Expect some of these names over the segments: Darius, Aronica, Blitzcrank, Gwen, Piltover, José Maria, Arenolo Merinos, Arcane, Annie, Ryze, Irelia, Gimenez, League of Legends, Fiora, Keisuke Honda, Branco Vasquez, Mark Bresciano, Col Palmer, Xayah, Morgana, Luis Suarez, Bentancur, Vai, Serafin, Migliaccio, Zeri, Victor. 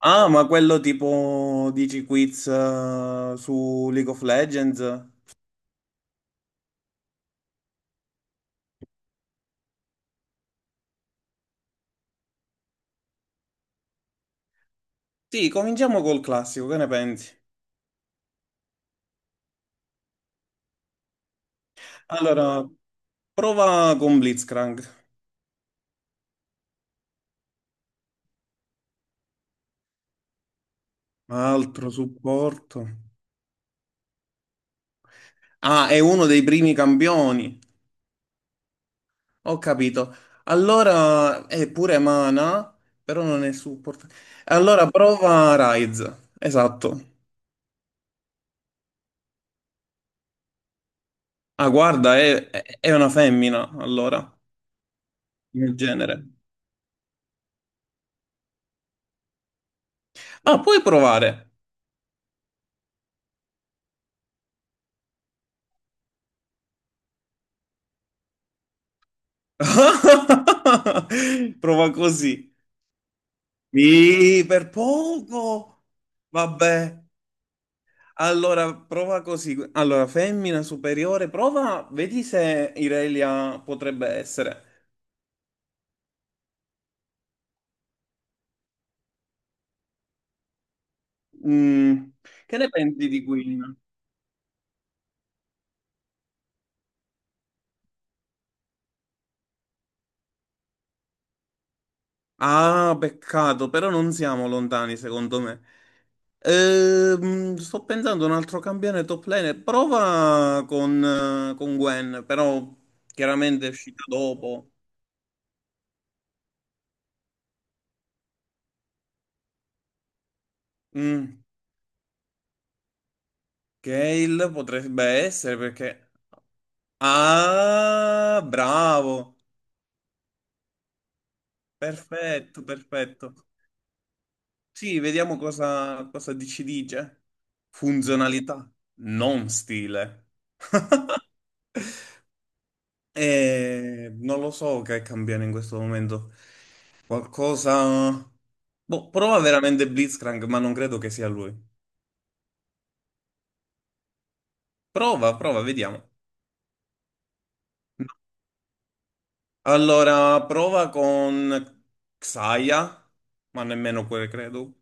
Ah, ma quello tipo dici quiz su League of Legends? Sì, cominciamo col classico, che ne pensi? Allora, prova con Blitzcrank. Altro supporto. Ah, è uno dei primi campioni. Ho capito. Allora, è pure mana, però non è supporto. Allora, prova Ryze. Esatto. Ah, guarda, è una femmina, allora, nel genere. Ah, puoi provare. Prova così. Mi per poco. Vabbè. Allora, prova così. Allora, femmina superiore, prova, vedi se Irelia potrebbe essere. Mm. Che ne pensi di Queen? Ah, peccato, però non siamo lontani, secondo me. Sto pensando a un altro campione top lane. Prova con Gwen, però chiaramente è uscita dopo. Mm. Gale potrebbe essere perché... Ah, bravo! Perfetto, perfetto. Sì, vediamo cosa ci dice. Funzionalità, non stile. E non lo so che cambiano in questo momento. Qualcosa... Boh, prova veramente Blitzcrank, ma non credo che sia lui. Prova, vediamo. Allora, prova con Xayah, ma nemmeno quel credo.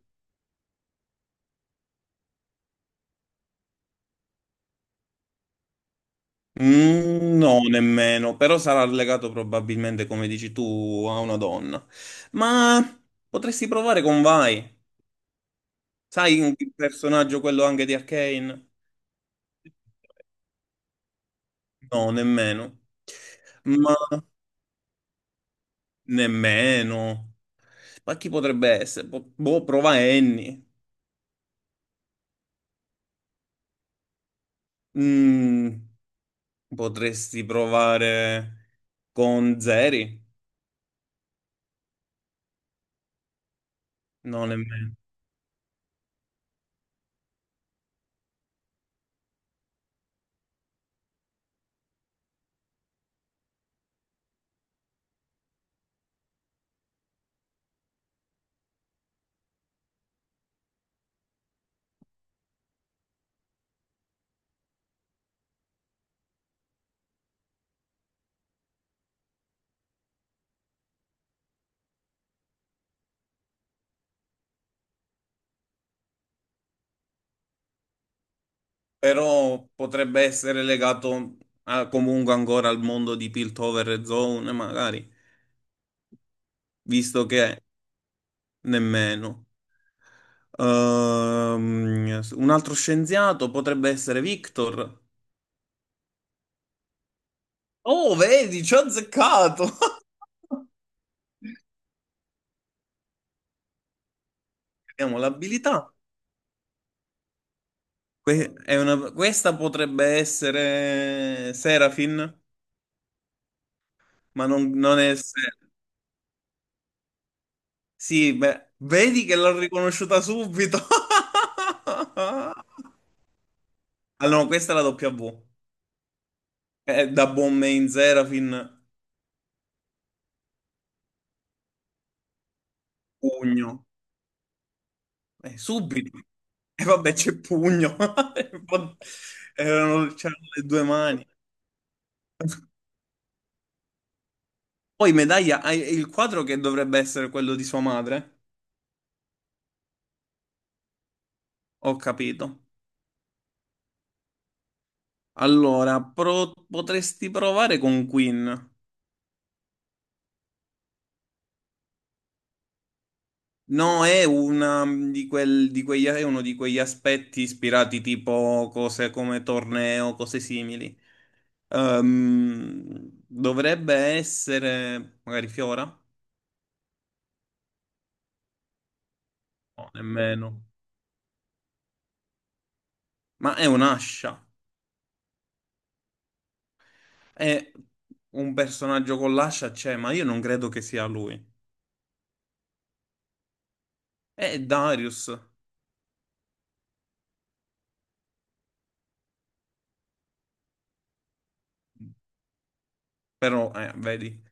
Mm, no, nemmeno, però sarà legato probabilmente, come dici tu, a una donna. Ma potresti provare con Vai. Sai il personaggio quello anche di Arcane? No, nemmeno. Ma nemmeno. Ma chi potrebbe essere? Boh, prova Annie. Mm, potresti provare con Zeri? No, nemmeno. Però potrebbe essere legato comunque ancora al mondo di Piltover e Zone, magari, visto che nemmeno. Un altro scienziato potrebbe essere Victor. Oh, vedi, ci ho azzeccato! Abbiamo l'abilità. È questa potrebbe essere Serafin, ma non è... sì, beh, vedi che l'ho riconosciuta subito. Allora, no, questa è la W. Da buon Main Serafin, pugno. Subito. E vabbè, c'è pugno. C'erano le due mani. Poi medaglia, hai il quadro che dovrebbe essere quello di sua madre? Ho capito. Allora, potresti provare con Queen. No, è una di, di quegli, è uno di quegli aspetti ispirati tipo cose come torneo, cose simili. Dovrebbe essere magari Fiora? No, nemmeno. Ma è un'ascia. È un personaggio con l'ascia, c'è, ma io non credo che sia lui. È Darius, però, vedi,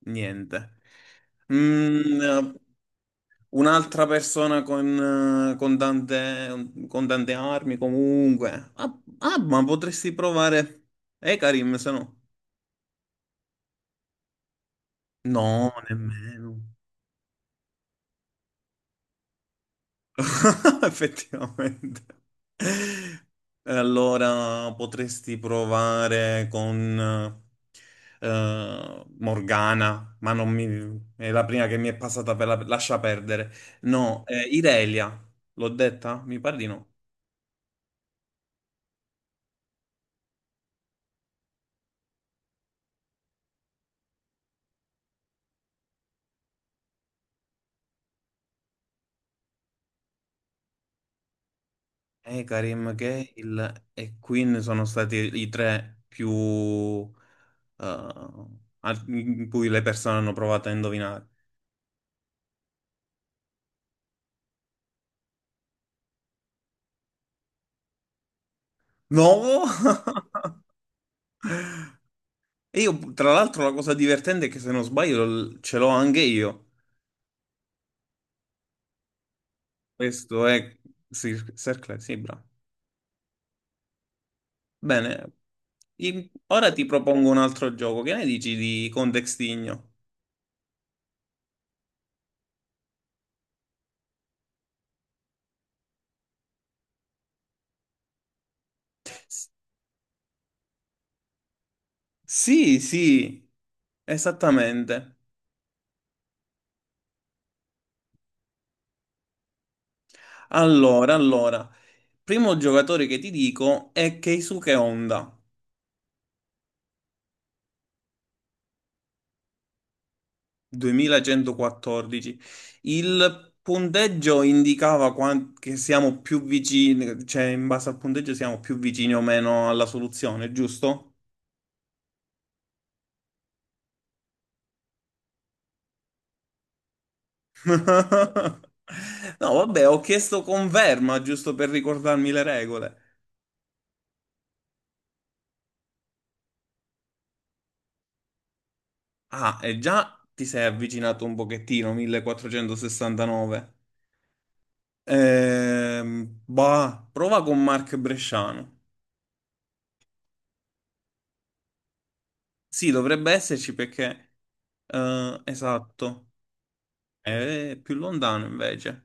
niente. Mm, un'altra persona con con tante armi, comunque. Ma potresti provare Karim se no. No, nemmeno. Effettivamente. Allora potresti provare con Morgana, ma non mi... è la prima che mi è passata per la... Lascia perdere. No, Irelia, l'ho detta? Mi pare di no. E Karim Gale e Queen sono stati i tre più... eh, in cui le persone hanno provato a indovinare. No! E io, tra l'altro, la cosa divertente è che se non sbaglio ce l'ho anche io. Questo è Circle, sì, bravo. Bene, ora ti propongo un altro gioco. Che ne dici di Contextigno? S- sì, esattamente. Allora, primo giocatore che ti dico è Keisuke Honda. 2114. Il punteggio indicava che siamo più vicini, cioè in base al punteggio siamo più vicini o meno alla soluzione, giusto? No, vabbè, ho chiesto conferma giusto per ricordarmi le regole. Ah, e già ti sei avvicinato un pochettino, 1469. Prova con Mark Bresciano. Sì, dovrebbe esserci perché... esatto. È più lontano invece.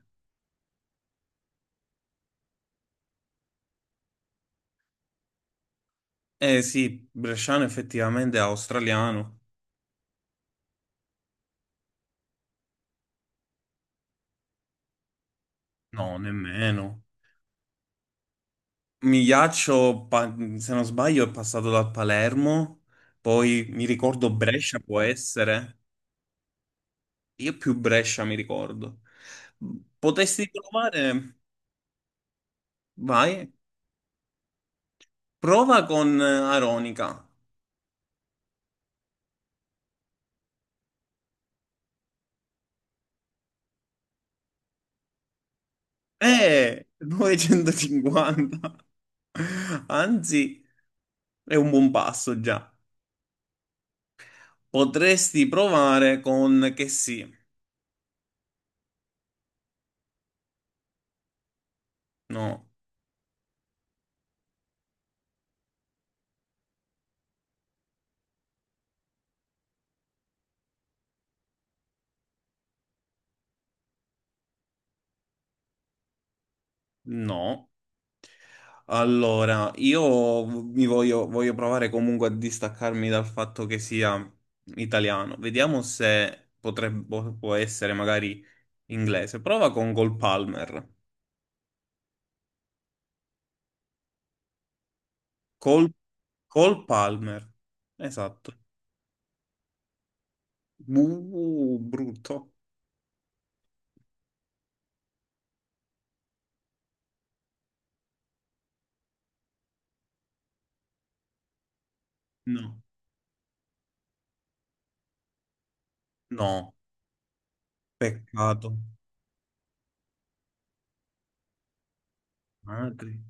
Eh sì, Bresciano effettivamente è australiano. No, nemmeno. Migliaccio, se non sbaglio, è passato dal Palermo. Poi mi ricordo Brescia, può essere. Io più Brescia mi ricordo. Potresti provare? Vai. Prova con Aronica. 950. Anzi, è un buon passo già. Potresti provare con che sì. No, no. Allora, io mi voglio provare comunque a distaccarmi dal fatto che sia italiano. Vediamo se può essere magari inglese. Prova con Col Palmer. Col, Col Palmer. Esatto. Brutto. No. No, peccato. Madre.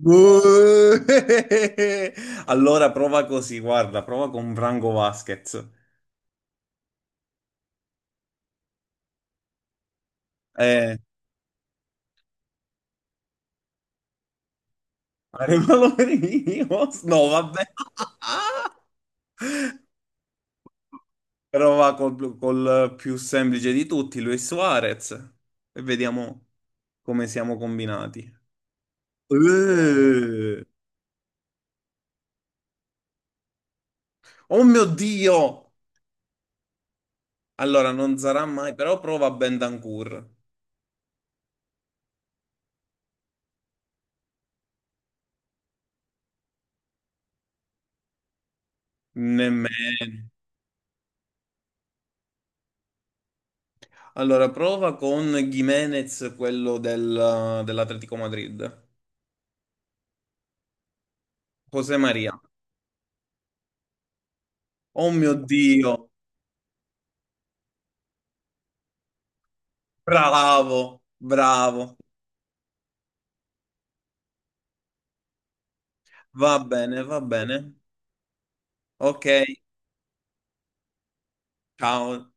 Buh! Allora prova così, guarda, prova con Branco Vasquez. Eh, Arenolo Merinos? No, vabbè. Però va col più semplice di tutti, Luis Suarez. E vediamo come siamo combinati. Eh. Oh mio Dio! Allora, non sarà mai, però prova Bentancur. Nemmeno. Allora, prova con Gimenez, quello dell'Atletico Madrid. José Maria. Oh mio Dio! Bravo, bravo. Va bene, va bene. Ok, ciao.